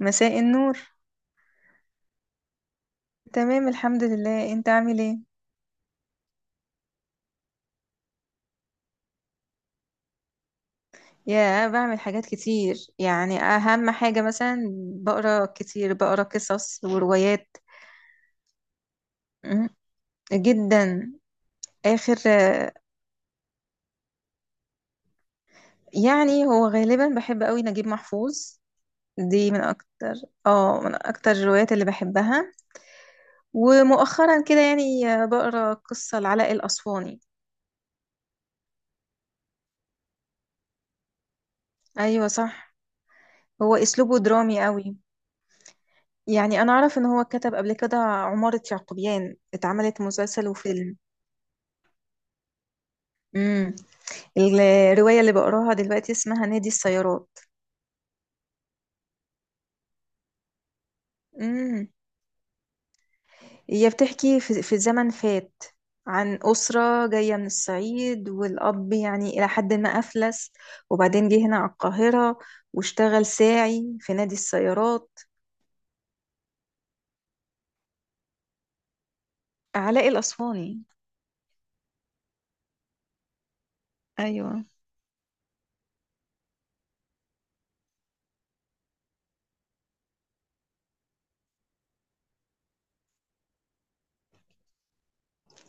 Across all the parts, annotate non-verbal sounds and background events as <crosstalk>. مساء النور. تمام، الحمد لله. انت عامل ايه؟ يا بعمل حاجات كتير، يعني اهم حاجة مثلا بقرا كتير، بقرا قصص وروايات. مم، جدا. اخر يعني هو غالبا بحب قوي نجيب محفوظ. دي من اكتر اه من اكتر الروايات اللي بحبها. ومؤخرا كده يعني بقرا قصة لعلاء الاسواني. ايوه صح. هو اسلوبه درامي قوي. يعني انا اعرف ان هو كتب قبل كده عمارة يعقوبيان اتعملت مسلسل وفيلم. امم. الرواية اللي بقراها دلوقتي اسمها نادي السيارات. امم. هي بتحكي في زمن فات، عن أسرة جاية من الصعيد، والأب يعني إلى حد ما أفلس، وبعدين جه هنا على القاهرة واشتغل ساعي في نادي السيارات. علاء الأسواني. أيوة.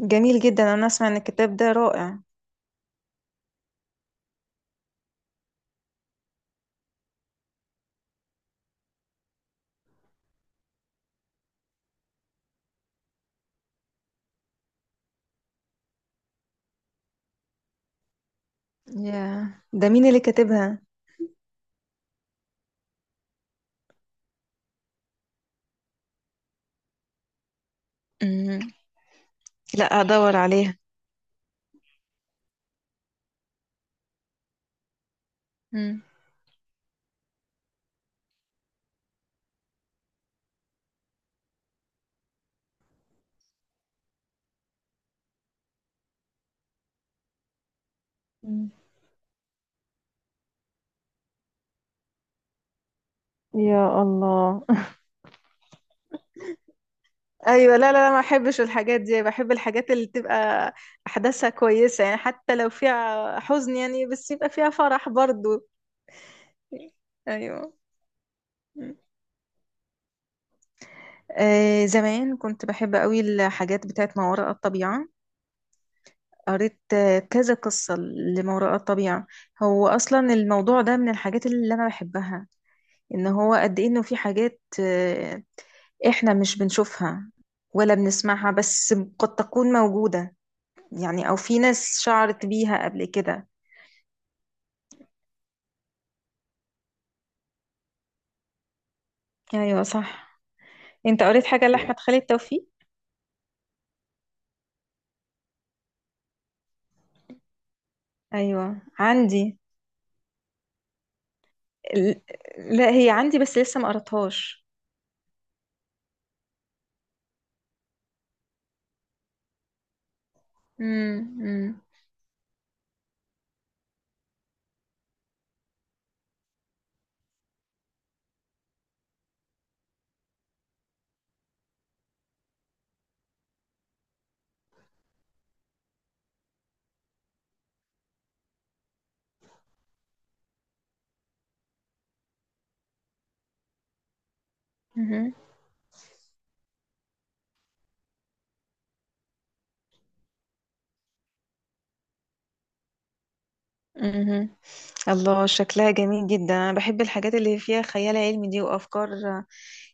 جميل جدا، أنا أسمع إن الكتاب ده رائع. ياه، ده مين اللي كاتبها؟ مم. لا، هدور عليها. مم. مم. يا الله. ايوه، لا لا لا، ما احبش الحاجات دي، بحب الحاجات اللي تبقى احداثها كويسه، يعني حتى لو فيها حزن يعني، بس يبقى فيها فرح برضو. ايوه. مم. آه، زمان كنت بحب قوي الحاجات بتاعت ما وراء الطبيعه، قريت كذا قصه لما وراء الطبيعه. هو اصلا الموضوع ده من الحاجات اللي انا بحبها، ان هو قد ايه انه في حاجات احنا مش بنشوفها ولا بنسمعها، بس قد تكون موجودة، يعني او في ناس شعرت بيها قبل كده. ايوه صح. انت قريت حاجة لأحمد خالد توفيق؟ ايوه، عندي. ال- لا، هي عندي بس لسه ما قريتهاش. امم. مهم. مهم. الله، شكلها جميل جدا، انا بحب الحاجات اللي فيها خيال علمي دي وافكار،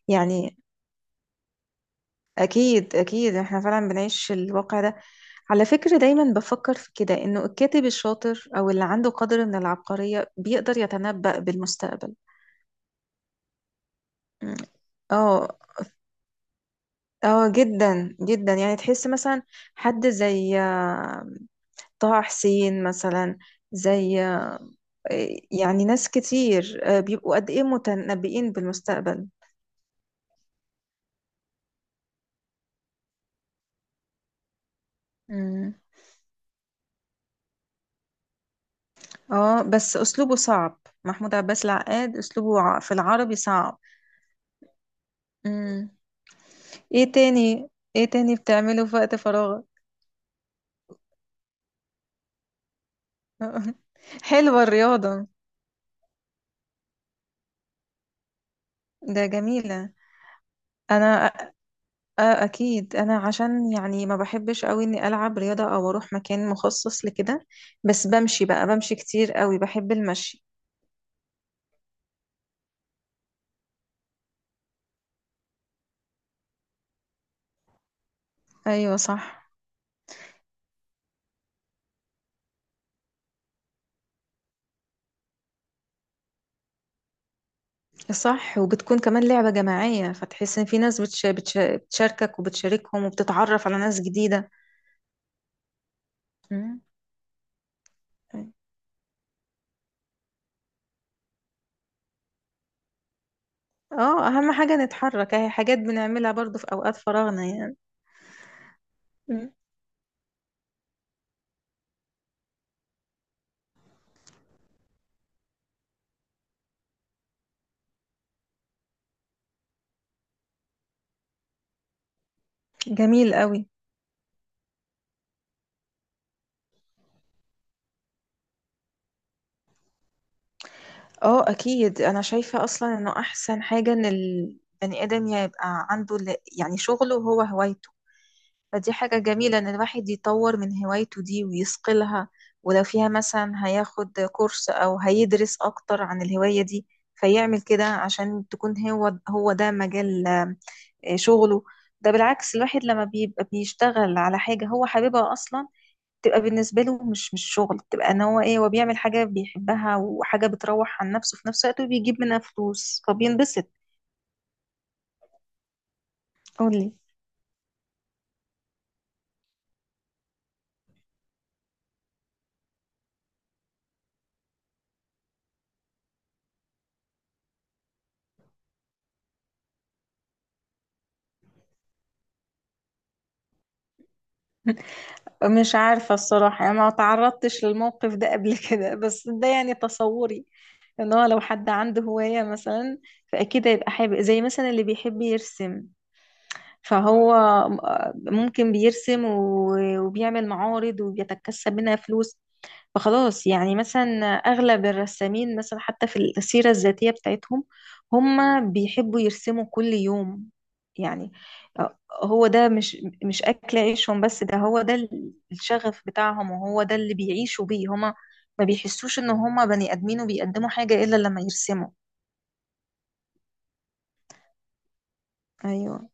يعني أكيد أكيد إحنا فعلا بنعيش الواقع ده. على فكرة دايما بفكر في كده، إنه الكاتب الشاطر أو اللي عنده قدر من العبقرية بيقدر يتنبأ بالمستقبل. م. اه. اه، جدا جدا، يعني تحس مثلا حد زي طه حسين مثلا، زي آه، يعني ناس كتير بيبقوا قد إيه متنبئين بالمستقبل. مم. اه، بس أسلوبه صعب، محمود عباس العقاد أسلوبه في العربي صعب. مم. ايه تاني ايه تاني بتعمله في وقت فراغك؟ <laughs> حلوة الرياضة. ده جميلة. انا أ- أ- اكيد انا عشان يعني ما بحبش قوي اني العب رياضة او اروح مكان مخصص لكده، بس بمشي بقى، بمشي كتير قوي، بحب المشي. ايوه صح. صح، وبتكون كمان لعبة جماعية، فتحس ان في ناس بتشاركك وبتشاركهم وبتتعرف على ناس جديدة. مم. اه، اهم حاجة نتحرك، اهي حاجات بنعملها برضو في اوقات فراغنا يعني. مم. جميل قوي. اه، اكيد انا شايفة اصلا انه احسن حاجة ان البني ادم يبقى عنده يعني شغله هو هوايته، فدي حاجة جميلة ان الواحد يطور من هوايته دي ويصقلها، ولو فيها مثلا هياخد كورس او هيدرس اكتر عن الهواية دي، فيعمل كده عشان تكون هو هو ده مجال شغله. ده بالعكس الواحد لما بيبقى بيشتغل على حاجة هو حاببها اصلا، تبقى بالنسبة له مش شغل، تبقى ان هو ايه، هو بيعمل حاجة بيحبها، وحاجة بتروح عن نفسه في نفس الوقت، وبيجيب منها فلوس فبينبسط. قولي. <laughs> مش عارفة الصراحة، يعني ما تعرضتش للموقف ده قبل كده، بس ده يعني تصوري ان هو لو حد عنده هواية مثلا، فأكيد هيبقى حابب، زي مثلا اللي بيحب يرسم، فهو ممكن بيرسم وبيعمل معارض وبيتكسب منها فلوس، فخلاص يعني مثلا أغلب الرسامين، مثلا حتى في السيرة الذاتية بتاعتهم، هما بيحبوا يرسموا كل يوم، يعني هو ده مش أكل عيشهم، بس ده هو ده الشغف بتاعهم، وهو ده اللي بيعيشوا بيه هما، ما بيحسوش إن هما بني آدمين وبيقدموا حاجة إلا لما يرسموا. أيوه.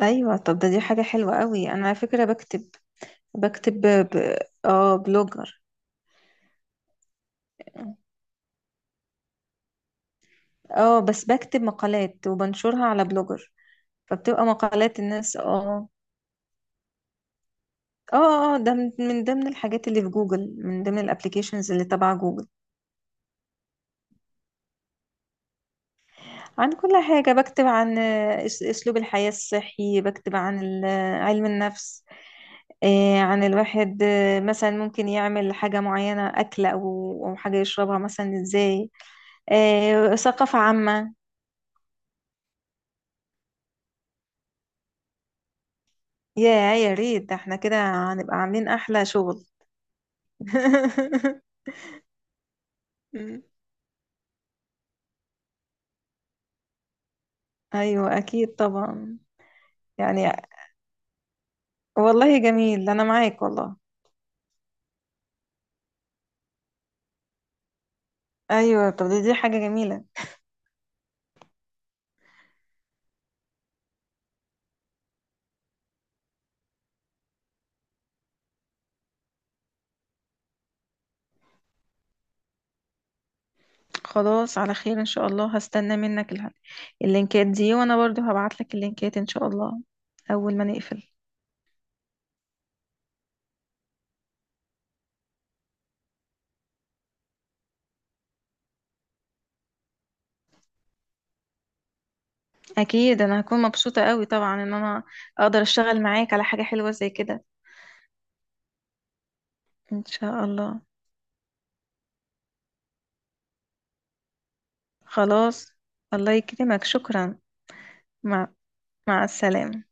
أيوه، طب ده دي حاجة حلوة قوي. أنا على فكرة بكتب، بكتب ب... اه، بلوجر. اه، بس بكتب مقالات وبنشرها على بلوجر، فبتبقى مقالات الناس. اه اه اه، ده من ضمن الحاجات اللي في جوجل، من ضمن الابليكيشنز اللي تبع جوجل. عن كل حاجة، بكتب عن اسلوب الحياة الصحي، بكتب عن علم النفس، عن الواحد مثلا ممكن يعمل حاجة معينة، أكل أو حاجة يشربها مثلا إزاي، ثقافة عامة. يا يا ريت، ده احنا كده هنبقى عاملين أحلى شغل. <laughs> أيوة أكيد طبعا. يعني والله جميل، انا معاك والله. ايوه، طب دي حاجه جميله. خلاص، على خير ان شاء الله، هستنى منك اللينكات دي، وانا برضو هبعت لك اللينكات ان شاء الله اول ما نقفل. اكيد انا هكون مبسوطه قوي طبعا ان انا اقدر اشتغل معاك على حاجه حلوه زي كده. ان شاء الله. خلاص، الله يكرمك، شكرا. مع مع السلامه.